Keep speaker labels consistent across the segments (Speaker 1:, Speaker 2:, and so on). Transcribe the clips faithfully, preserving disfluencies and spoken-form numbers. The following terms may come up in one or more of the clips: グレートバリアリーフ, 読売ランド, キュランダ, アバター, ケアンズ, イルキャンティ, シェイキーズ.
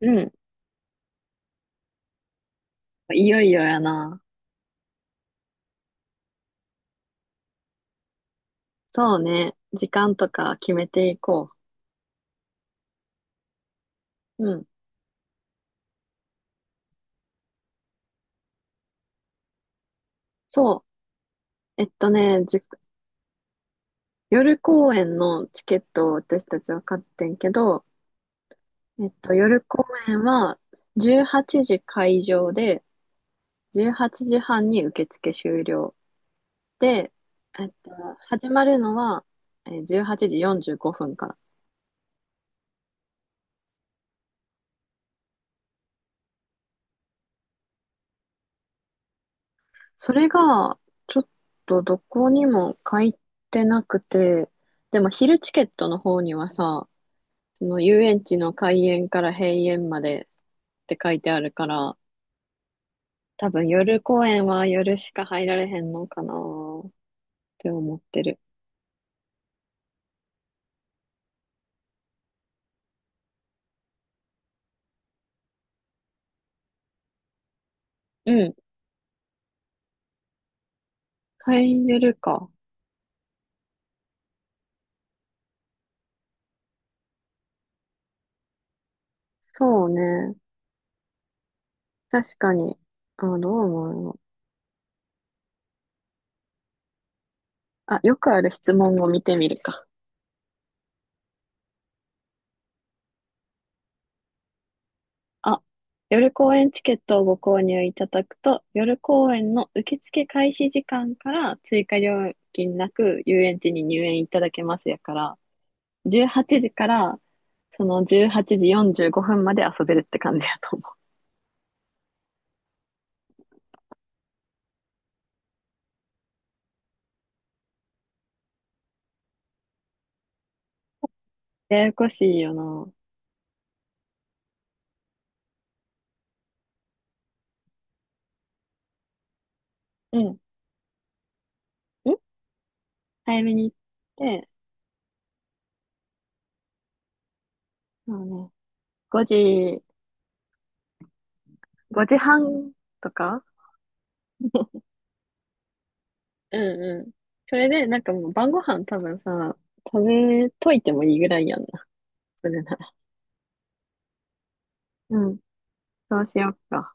Speaker 1: うん。いよいよやな。そうね。時間とか決めていこう。うん。そう。えっとね、じ、夜公演のチケットを私たちは買ってんけど、えっと、夜公演はじゅうはちじ会場で、じゅうはちじはんに受付終了。で、えっと、始まるのはえーじゅうはちじよんじゅうごふんから。それが、ちょっとどこにも書いてなくて、でも昼チケットの方にはさ、その遊園地の開園から閉園までって書いてあるから、多分夜公園は夜しか入られへんのかなーって思ってる。うん。入れるか。そうね。確かに。あ、どう思うの？あ、よくある質問を見てみるか。あ、夜公演チケットをご購入いただくと、夜公演の受付開始時間から追加料金なく遊園地に入園いただけますやから、じゅうはちじから、そのじゅうはちじよんじゅうごふんまで遊べるって感じやと思う。ややこしいよな。うん。ん早めに行って、そうね。ごじ、ごじはんとか。うんうん。それで、なんかもう晩ご飯多分さ、食べといてもいいぐらいやんな。それなら。うん。そうしよっか。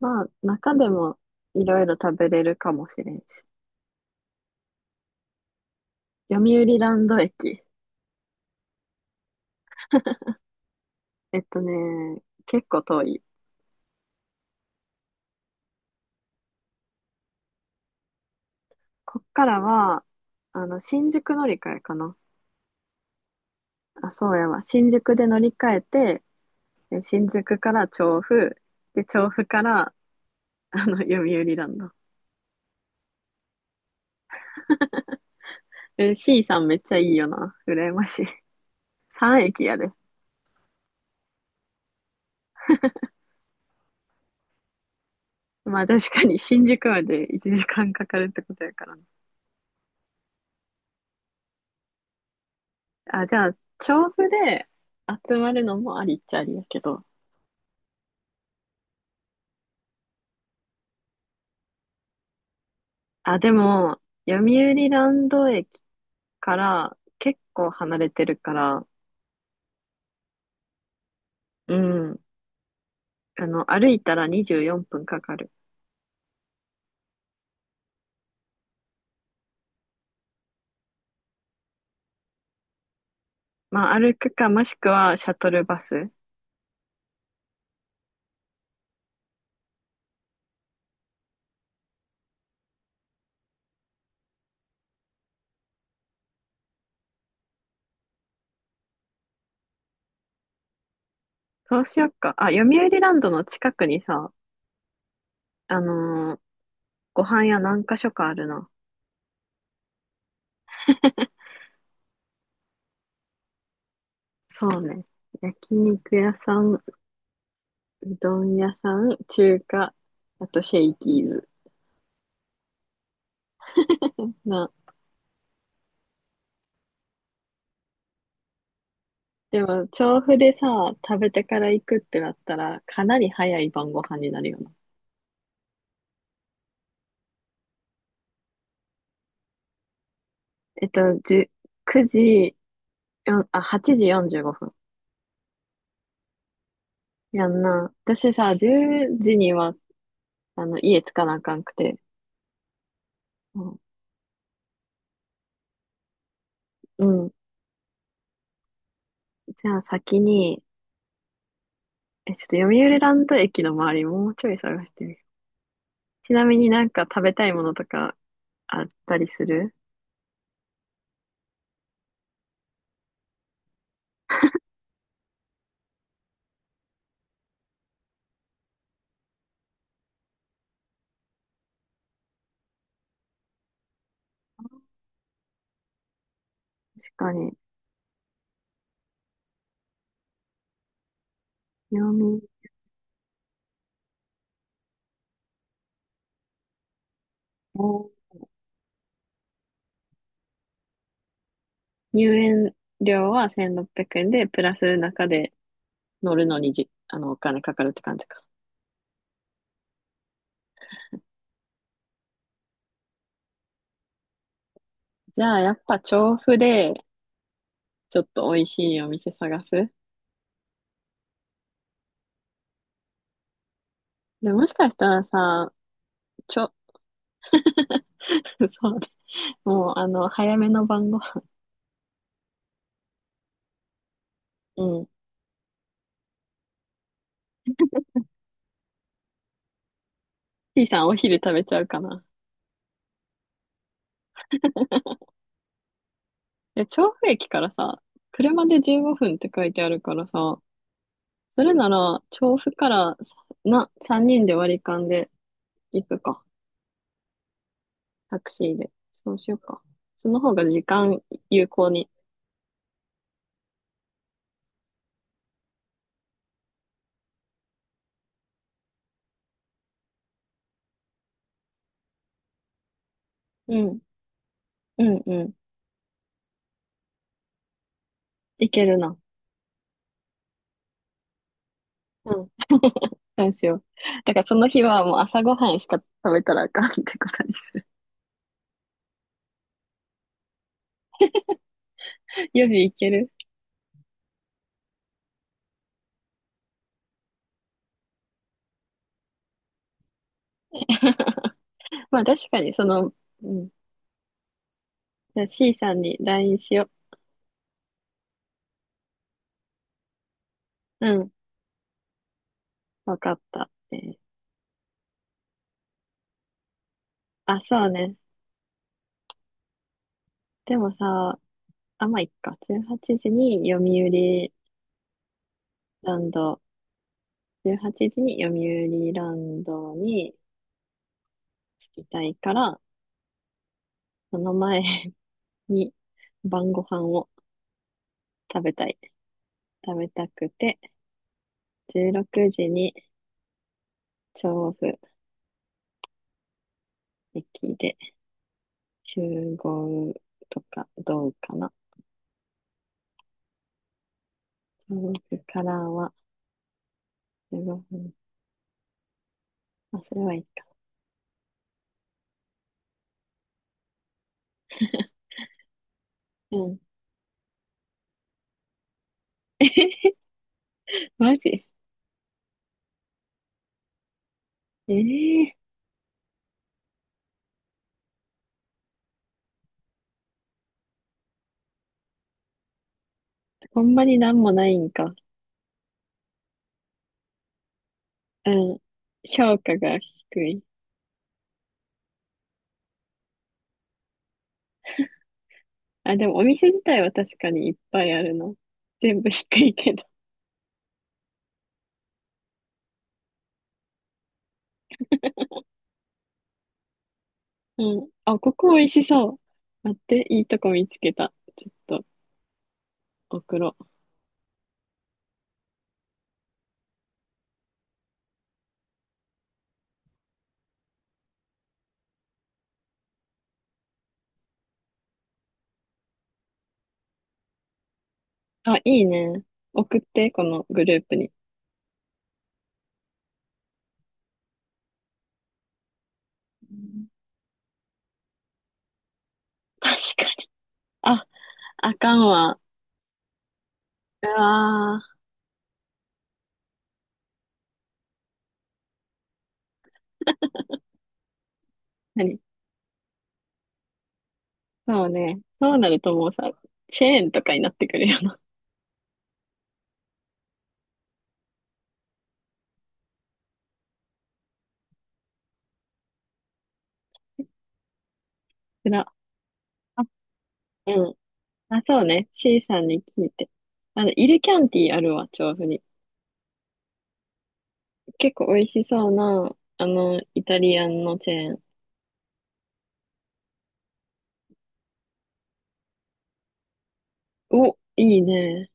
Speaker 1: まあ、中でもいろいろ食べれるかもしれんし。読売ランド駅。えっとね、結構遠い。こっからは、あの、新宿乗り換えかな。あ、そうやわ。新宿で乗り換えて、え新宿から調布、で、調布から、あの、読売ランド。え、C さんめっちゃいいよな。羨ましい。さんえき駅やで。まあ確かに新宿までいちじかんかんかかるってことやからな。あ、じゃあ、調布で集まるのもありっちゃありやけど。あ、でも、読売ランド駅から結構離れてるから、うん。あの、歩いたらにじゅうよんぷんかかる。まあ、歩くか、もしくはシャトルバス。そうしよっか。あ、読売ランドの近くにさ、あのーご飯屋何か所かあるな。そうね。焼肉屋さん、うどん屋さん、中華、あとシェイキーズ。な、でも、調布でさ、食べてから行くってなったら、かなり早い晩ご飯になるよな。えっと、じゅくじ、よんあ、はちじよんじゅうごふん。やんな。私さ、じゅうじにはあの、家着かなあかんくて。うん。うん。じゃあ先に、え、ちょっと読売ランド駅の周りもうちょい探してみる。ちなみになんか食べたいものとかあったりする？確かに。読売、入園料はせんろっぴゃくえんで、プラス中で乗るのにじ、あの、お金かかるって感じか。じゃあやっぱ調布で、ちょっと美味しいお店探す。で、もしかしたらさ、ちょ、そうね。もうあの、早めの晩ご飯。うん。T さんお昼食べちゃうかな。いや、調布駅からさ、車でじゅうごふんって書いてあるからさ、それなら、調布からさな、さんにんで割り勘で行くか。タクシーで。そうしようか。その方が時間有効に。うん、うん、うん。行けるな。うん。そうしよう。だからその日はもう朝ごはんしか食べたらあかんってことにする。よじ行ける。まあ確かにその、うん。じゃあ C さんに ライン しよう。うん。わかった。えーあ、そうね。でもさ、あ、まあ、いっか。18時に読売ランド、じゅうはちじに読売ランドに着きたいから、その前に晩ご飯を食べたい。食べたくて、じゅうろくじに調布駅で集合とかどうかな。調布からはじゅうごふん。あ、それはいいか。うん。マジ？ええー、ほんまになんもないんか。うん。評価が低い。あ、でもお店自体は確かにいっぱいあるの。全部低いけど。うん。あ、ここ美味しそう。待って、いいとこ見つけた。ちょっと送ろう。あ、いいね。送って、このグループに。うん。確かに。あ、あかんわ。うわー。何？そうね。そうなるともうさ、チェーンとかになってくるよな。つら。あ、うん。あ、そうね。C さんに聞いて。あの、イルキャンティあるわ、調布に。結構美味しそうな、あの、イタリアンのチェーン。お、いいね。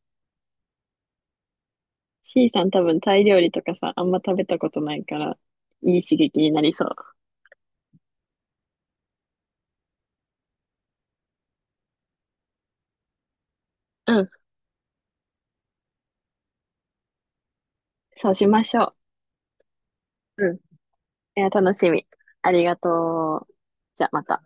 Speaker 1: C さん多分タイ料理とかさ、あんま食べたことないから、いい刺激になりそう。うん、そうしましょう。うん。いや、楽しみ。ありがとう。じゃあ、また。